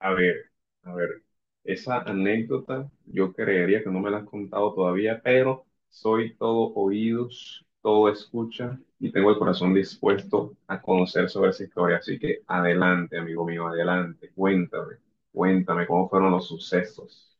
A ver, a ver, esa anécdota yo creería que no me la has contado todavía, pero soy todo oídos, todo escucha y tengo el corazón dispuesto a conocer sobre esa historia. Así que adelante, amigo mío, adelante, cuéntame, cuéntame cómo fueron los sucesos.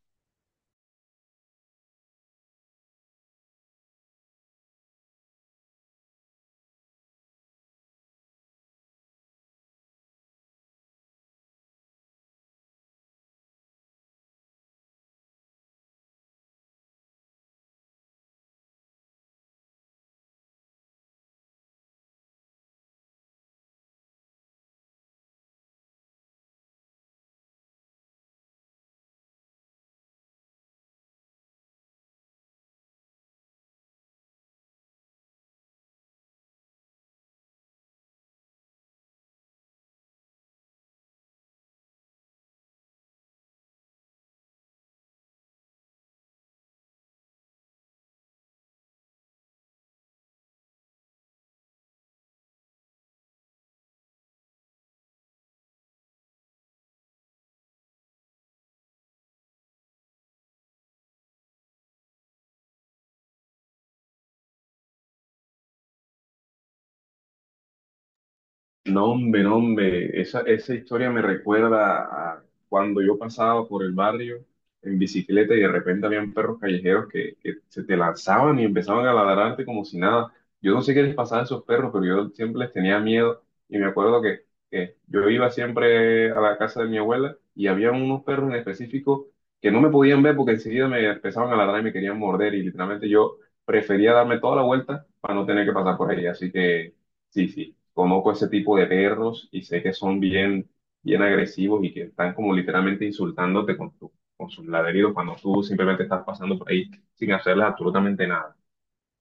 No, hombre, no, hombre, esa historia me recuerda a cuando yo pasaba por el barrio en bicicleta y de repente habían perros callejeros que se te lanzaban y empezaban a ladrarte como si nada. Yo no sé qué les pasaba a esos perros, pero yo siempre les tenía miedo y me acuerdo que yo iba siempre a la casa de mi abuela y había unos perros en específico que no me podían ver porque enseguida me empezaban a ladrar y me querían morder y literalmente yo prefería darme toda la vuelta para no tener que pasar por ahí. Así que sí, sí. Conozco ese tipo de perros y sé que son bien, bien agresivos y que están como literalmente insultándote con tu, con sus ladridos cuando tú simplemente estás pasando por ahí sin hacerles absolutamente nada.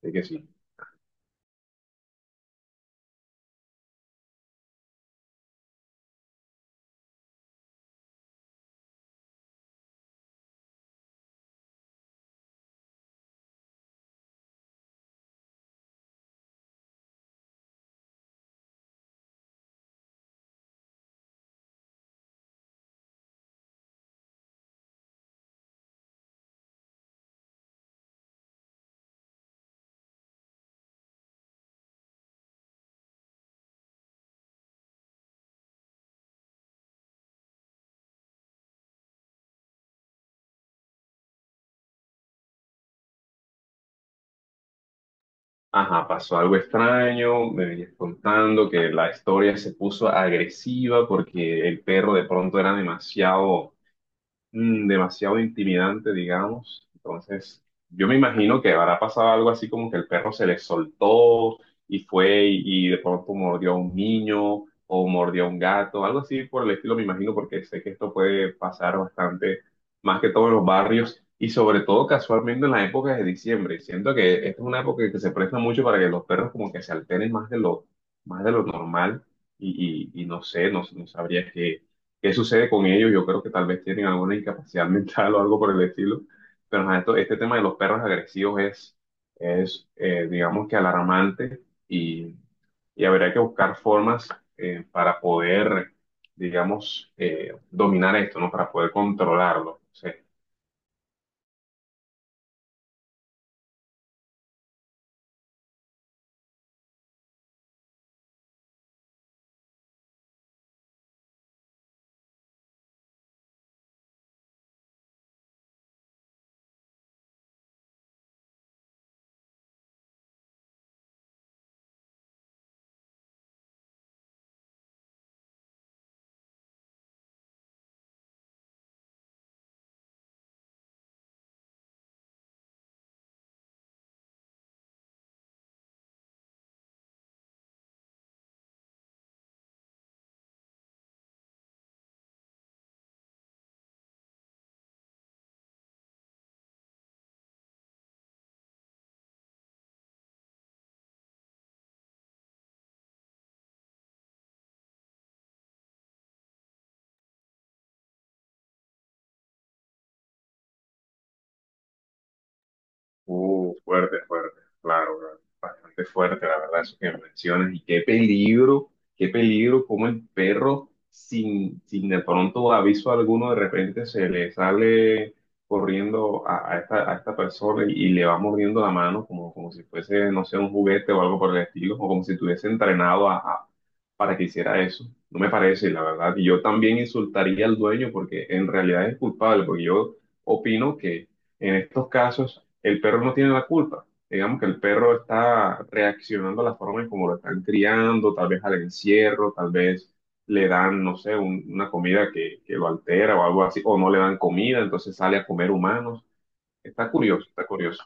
Así que sí. Ajá, pasó algo extraño, me venías contando que la historia se puso agresiva porque el perro de pronto era demasiado demasiado intimidante, digamos. Entonces, yo me imagino que habrá pasado algo así como que el perro se le soltó y fue y de pronto mordió a un niño o mordió a un gato, algo así por el estilo, me imagino, porque sé que esto puede pasar bastante, más que todo en los barrios y sobre todo casualmente en las épocas de diciembre. Siento que esta es una época que se presta mucho para que los perros como que se alteren más de lo normal y, y no sé, no sabría qué qué sucede con ellos. Yo creo que tal vez tienen alguna incapacidad mental o algo por el estilo. Pero ajá, este tema de los perros agresivos es, es digamos que alarmante y, y habría que buscar formas para poder, digamos, dominar esto, ¿no? Para poder controlarlo. O uh, fuerte, fuerte, claro, claro, bastante fuerte, la verdad, eso que mencionas. Y qué peligro, como el perro, sin de pronto aviso alguno, de repente se le sale corriendo a esta persona y le va mordiendo la mano, como, como si fuese, no sé, un juguete o algo por el estilo, o como si estuviese entrenado para que hiciera eso. No me parece, la verdad. Y yo también insultaría al dueño porque en realidad es culpable, porque yo opino que. En estos casos el perro no tiene la culpa. Digamos que el perro está reaccionando a la forma en cómo lo están criando, tal vez al encierro, tal vez le dan, no sé, una comida que lo altera o algo así, o no le dan comida, entonces sale a comer humanos. Está curioso, está curioso.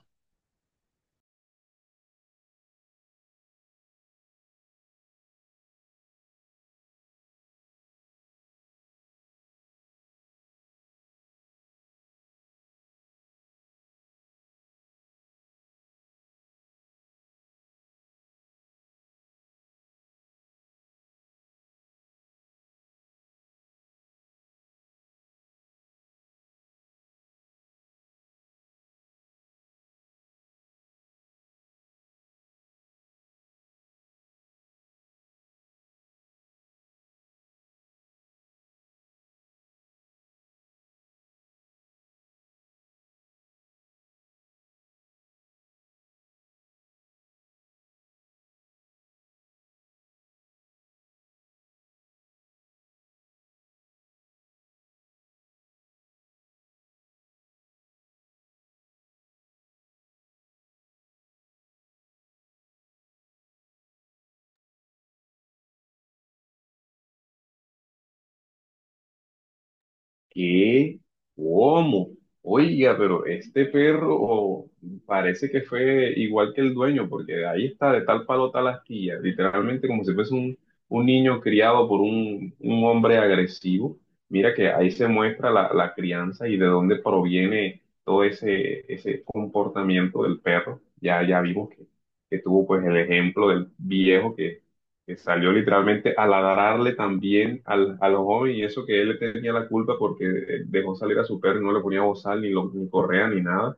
¿Qué? ¿Cómo? Oiga, pero este perro oh, parece que fue igual que el dueño, porque ahí está de tal palo tal astilla, literalmente como si fuese un niño criado por un hombre agresivo. Mira que ahí se muestra la, la crianza y de dónde proviene todo ese, ese comportamiento del perro. Ya, ya vimos que tuvo pues el ejemplo del viejo que salió literalmente a ladrarle también al, al joven y eso que él le tenía la culpa porque dejó salir a su perro y no le ponía bozal ni, lo, ni correa ni nada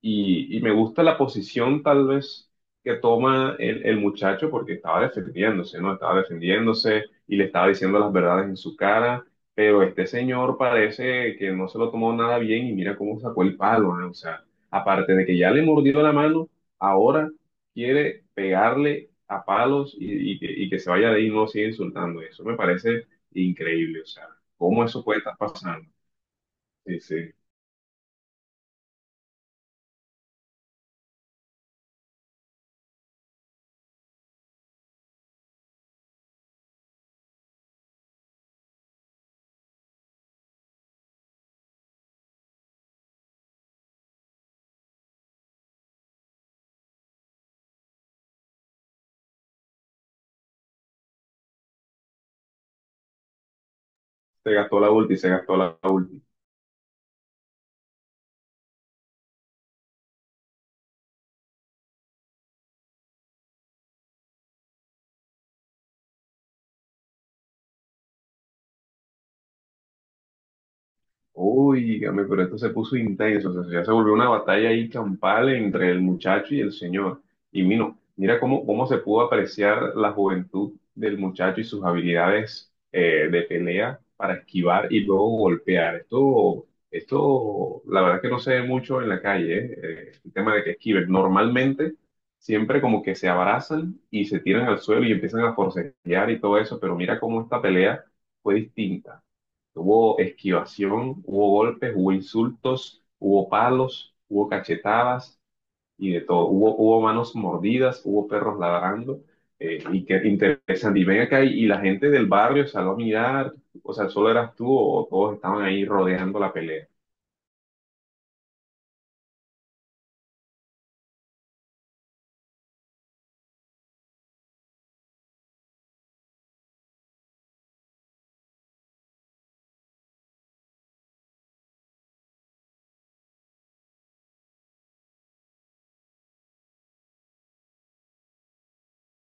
y, y me gusta la posición tal vez que toma el muchacho porque estaba defendiéndose, ¿no? Estaba defendiéndose y le estaba diciendo las verdades en su cara, pero este señor parece que no se lo tomó nada bien y mira cómo sacó el palo, ¿no? O sea, aparte de que ya le mordió la mano, ahora quiere pegarle a palos y que se vaya de ahí y no siga insultando. Eso me parece increíble, o sea, cómo eso puede estar pasando. Sí, sí, se gastó la ulti, se gastó la ulti. Uy, dígame, pero esto se puso intenso, o sea, ya se volvió una batalla ahí campal entre el muchacho y el señor. Y mira, mira cómo, cómo se pudo apreciar la juventud del muchacho y sus habilidades de pelea para esquivar y luego golpear. Esto, la verdad que no se ve mucho en la calle, el tema de que esquiven. Normalmente siempre como que se abrazan y se tiran al suelo y empiezan a forcejear y todo eso, pero mira cómo esta pelea fue distinta. Hubo esquivación, hubo golpes, hubo insultos, hubo palos, hubo cachetadas y de todo. Hubo, hubo manos mordidas, hubo perros ladrando. Y qué interesante. Y ven acá y la gente del barrio salió a mirar. O sea, solo eras tú o todos estaban ahí rodeando la pelea.